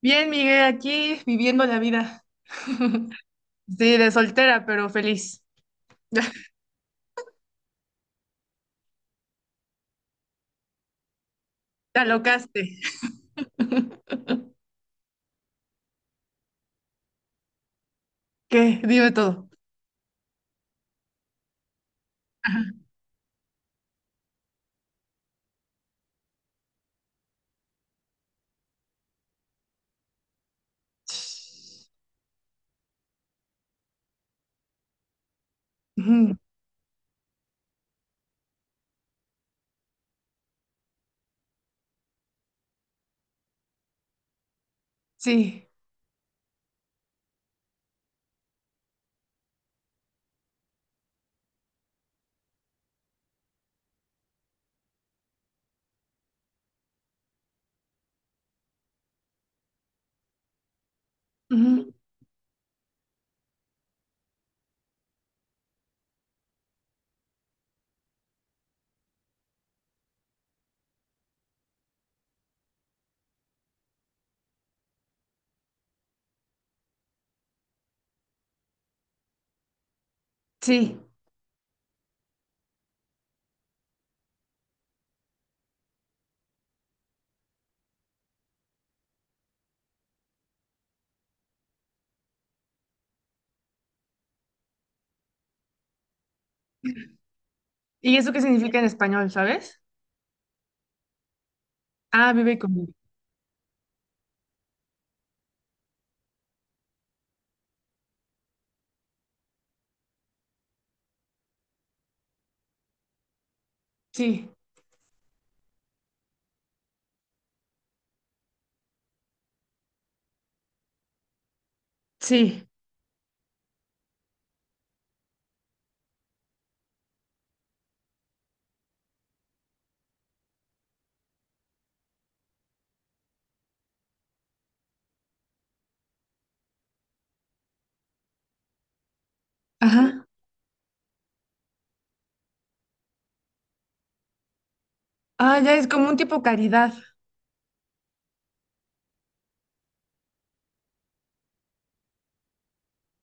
Bien, Miguel, aquí viviendo la vida. Sí, de soltera, pero feliz. Te alocaste. ¿Qué? Dime todo. Ajá. Ujú. Sí. Ujú. Sí. ¿Y eso qué significa en español, sabes? Ah, vive conmigo. Sí, sí. Ajá. Ah, ya es como un tipo caridad.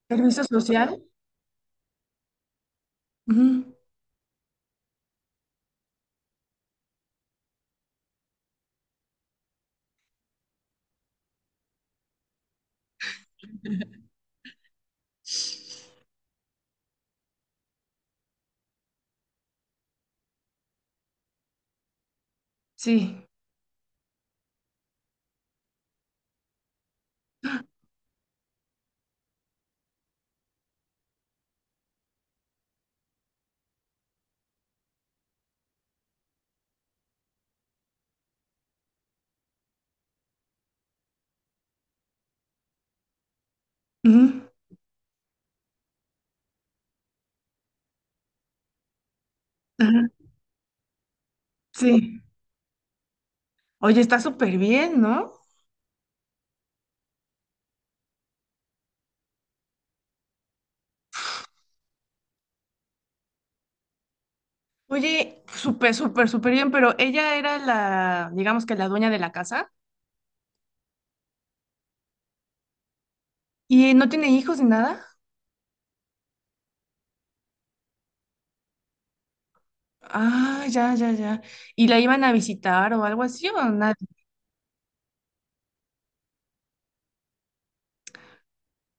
Servicio social. Ujú. Sí. Ujú. Ajá. Sí. Oye, está súper bien, ¿no? Oye, súper, súper, súper bien, pero ella era la, digamos que la dueña de la casa y no tiene hijos ni nada. Ah, ya, ya, ya. ¿Y la iban a visitar o algo así o nada?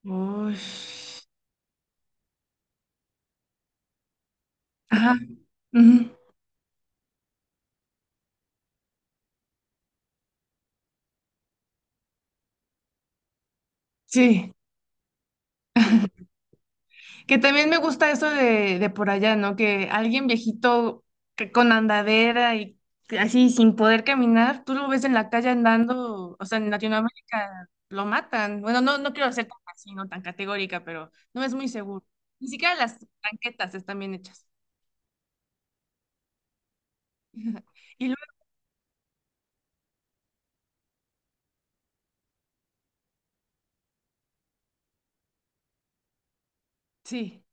Uy. Ajá. Ujú. Sí. Que también me gusta eso de por allá, ¿no? Que alguien viejito que con andadera y que así sin poder caminar, tú lo ves en la calle andando, o sea, en Latinoamérica lo matan. Bueno, no, no quiero ser tan así, no tan categórica, pero no es muy seguro. Ni siquiera las banquetas están bien hechas. Y luego, sí.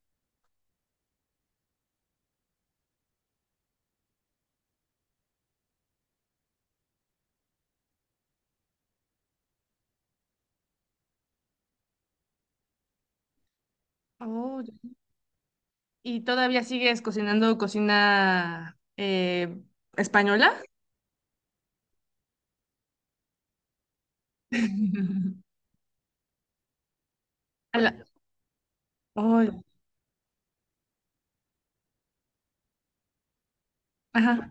Oh, ya. ¿Y todavía sigues cocinando cocina española? A la- oh, ajá,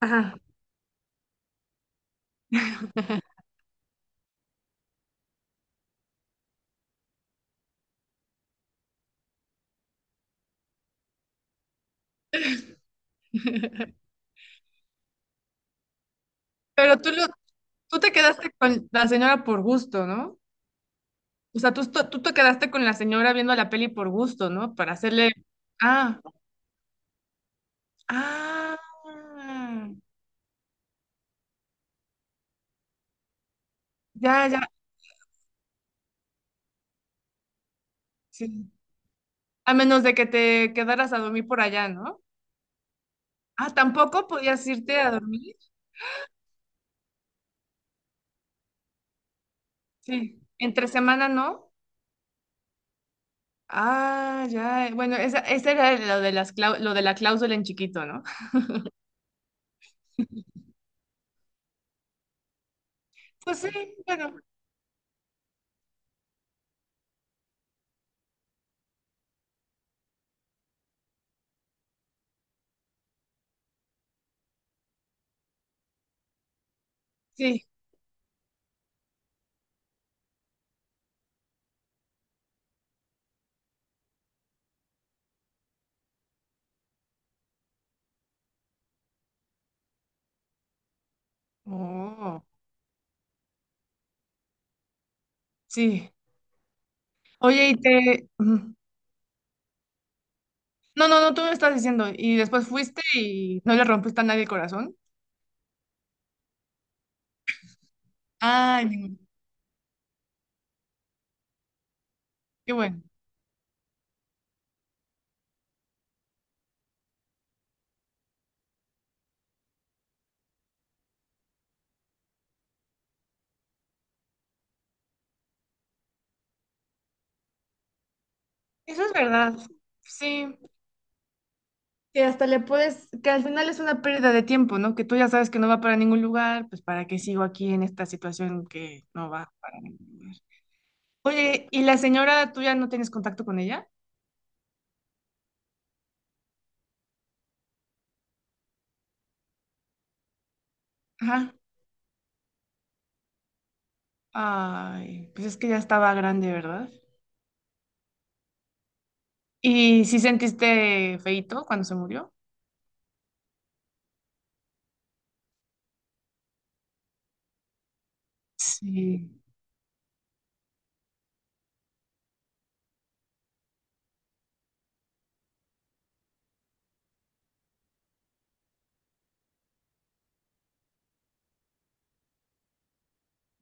ajá. Pero tú te quedaste con la señora por gusto, ¿no? O sea, tú te quedaste con la señora viendo la peli por gusto, ¿no? Ah, ah, ya, ya, sí. A menos de que te quedaras a dormir por allá, ¿no? Ah, tampoco podías irte a dormir. Sí. Entre semana, ¿no? Ah, ya. Bueno, esa era lo de la cláusula en chiquito, ¿no? Pues sí, bueno, sí. Oh, sí. Oye, no, no, no, tú me estás diciendo. Y después fuiste y no le rompiste a nadie el corazón. Ay, qué bueno. Eso es verdad. Sí. Que hasta le puedes, que al final es una pérdida de tiempo, ¿no? Que tú ya sabes que no va para ningún lugar, pues ¿para qué sigo aquí en esta situación que no va para ningún lugar? Oye, ¿y la señora tú ya no tienes contacto con ella? Ajá. Ay, pues es que ya estaba grande, ¿verdad? ¿Y si sentiste feíto cuando se murió? Sí.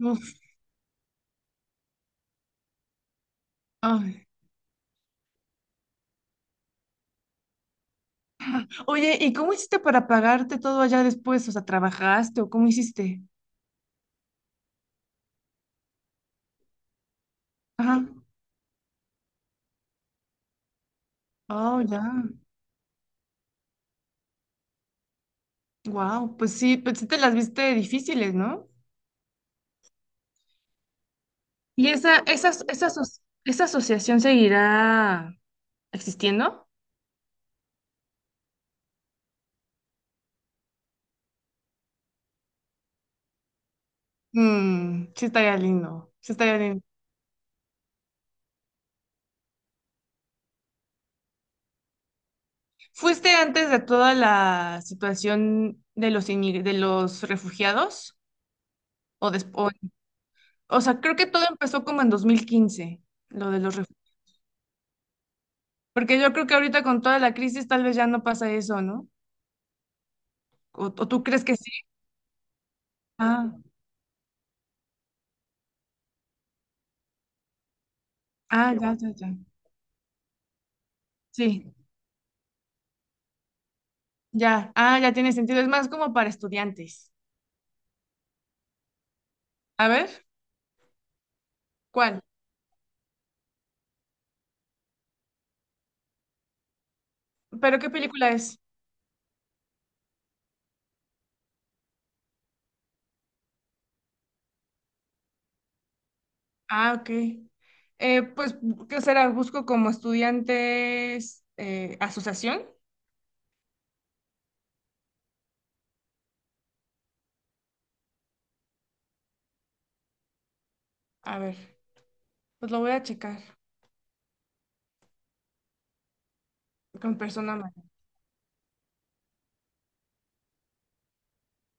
Uf. Ay. Oye, ¿y cómo hiciste para pagarte todo allá después? O sea, ¿trabajaste o cómo hiciste? Ajá. Oh, ya. Wow, pues sí te las viste difíciles, ¿no? ¿Y esa asociación seguirá existiendo? Mm, sí estaría lindo, sí estaría lindo. ¿Fuiste antes de toda la situación de los refugiados? ¿O después? O sea, creo que todo empezó como en 2015, lo de los refugiados. Porque yo creo que ahorita con toda la crisis tal vez ya no pasa eso, ¿no? ¿O tú crees que sí? Ah, ah, ya, ya, ya. Sí, ya. Ah, ya tiene sentido. Es más como para estudiantes. A ver, ¿cuál? ¿Pero qué película es? Ah, ok. Pues, ¿qué será? Busco como estudiantes, asociación. A ver, pues lo voy a checar con persona ma-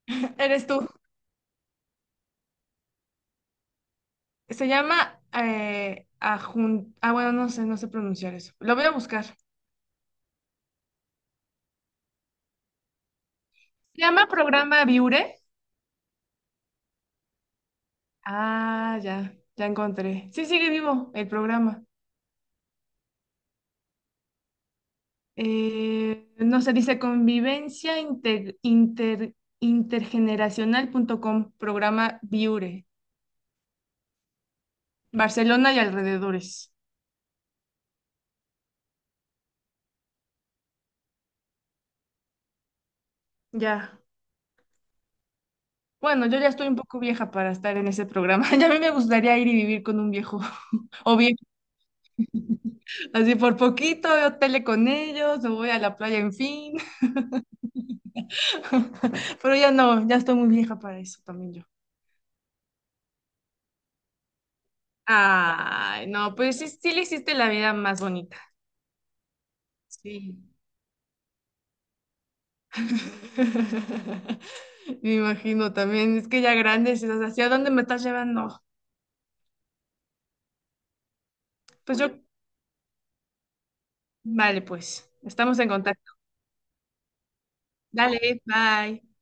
Eres tú. Se llama. Ah, bueno, no sé, no sé pronunciar eso. Lo voy a buscar. Se llama programa Viure. Ah, ya, ya encontré. Sí, sigue vivo el programa. No se dice convivencia intergeneracional.com, programa Viure, Barcelona y alrededores. Ya. Bueno, yo ya estoy un poco vieja para estar en ese programa. Ya a mí me gustaría ir y vivir con un viejo o bien, así por poquito, yo tele con ellos, me voy a la playa, en fin. Pero ya no, ya estoy muy vieja para eso también yo. Ay, no, pues sí, sí le hiciste la vida más bonita. Sí. Me imagino también, es que ya grandes, estás, ¿hacia dónde me estás llevando? Pues yo, vale, pues, estamos en contacto. Dale, bye.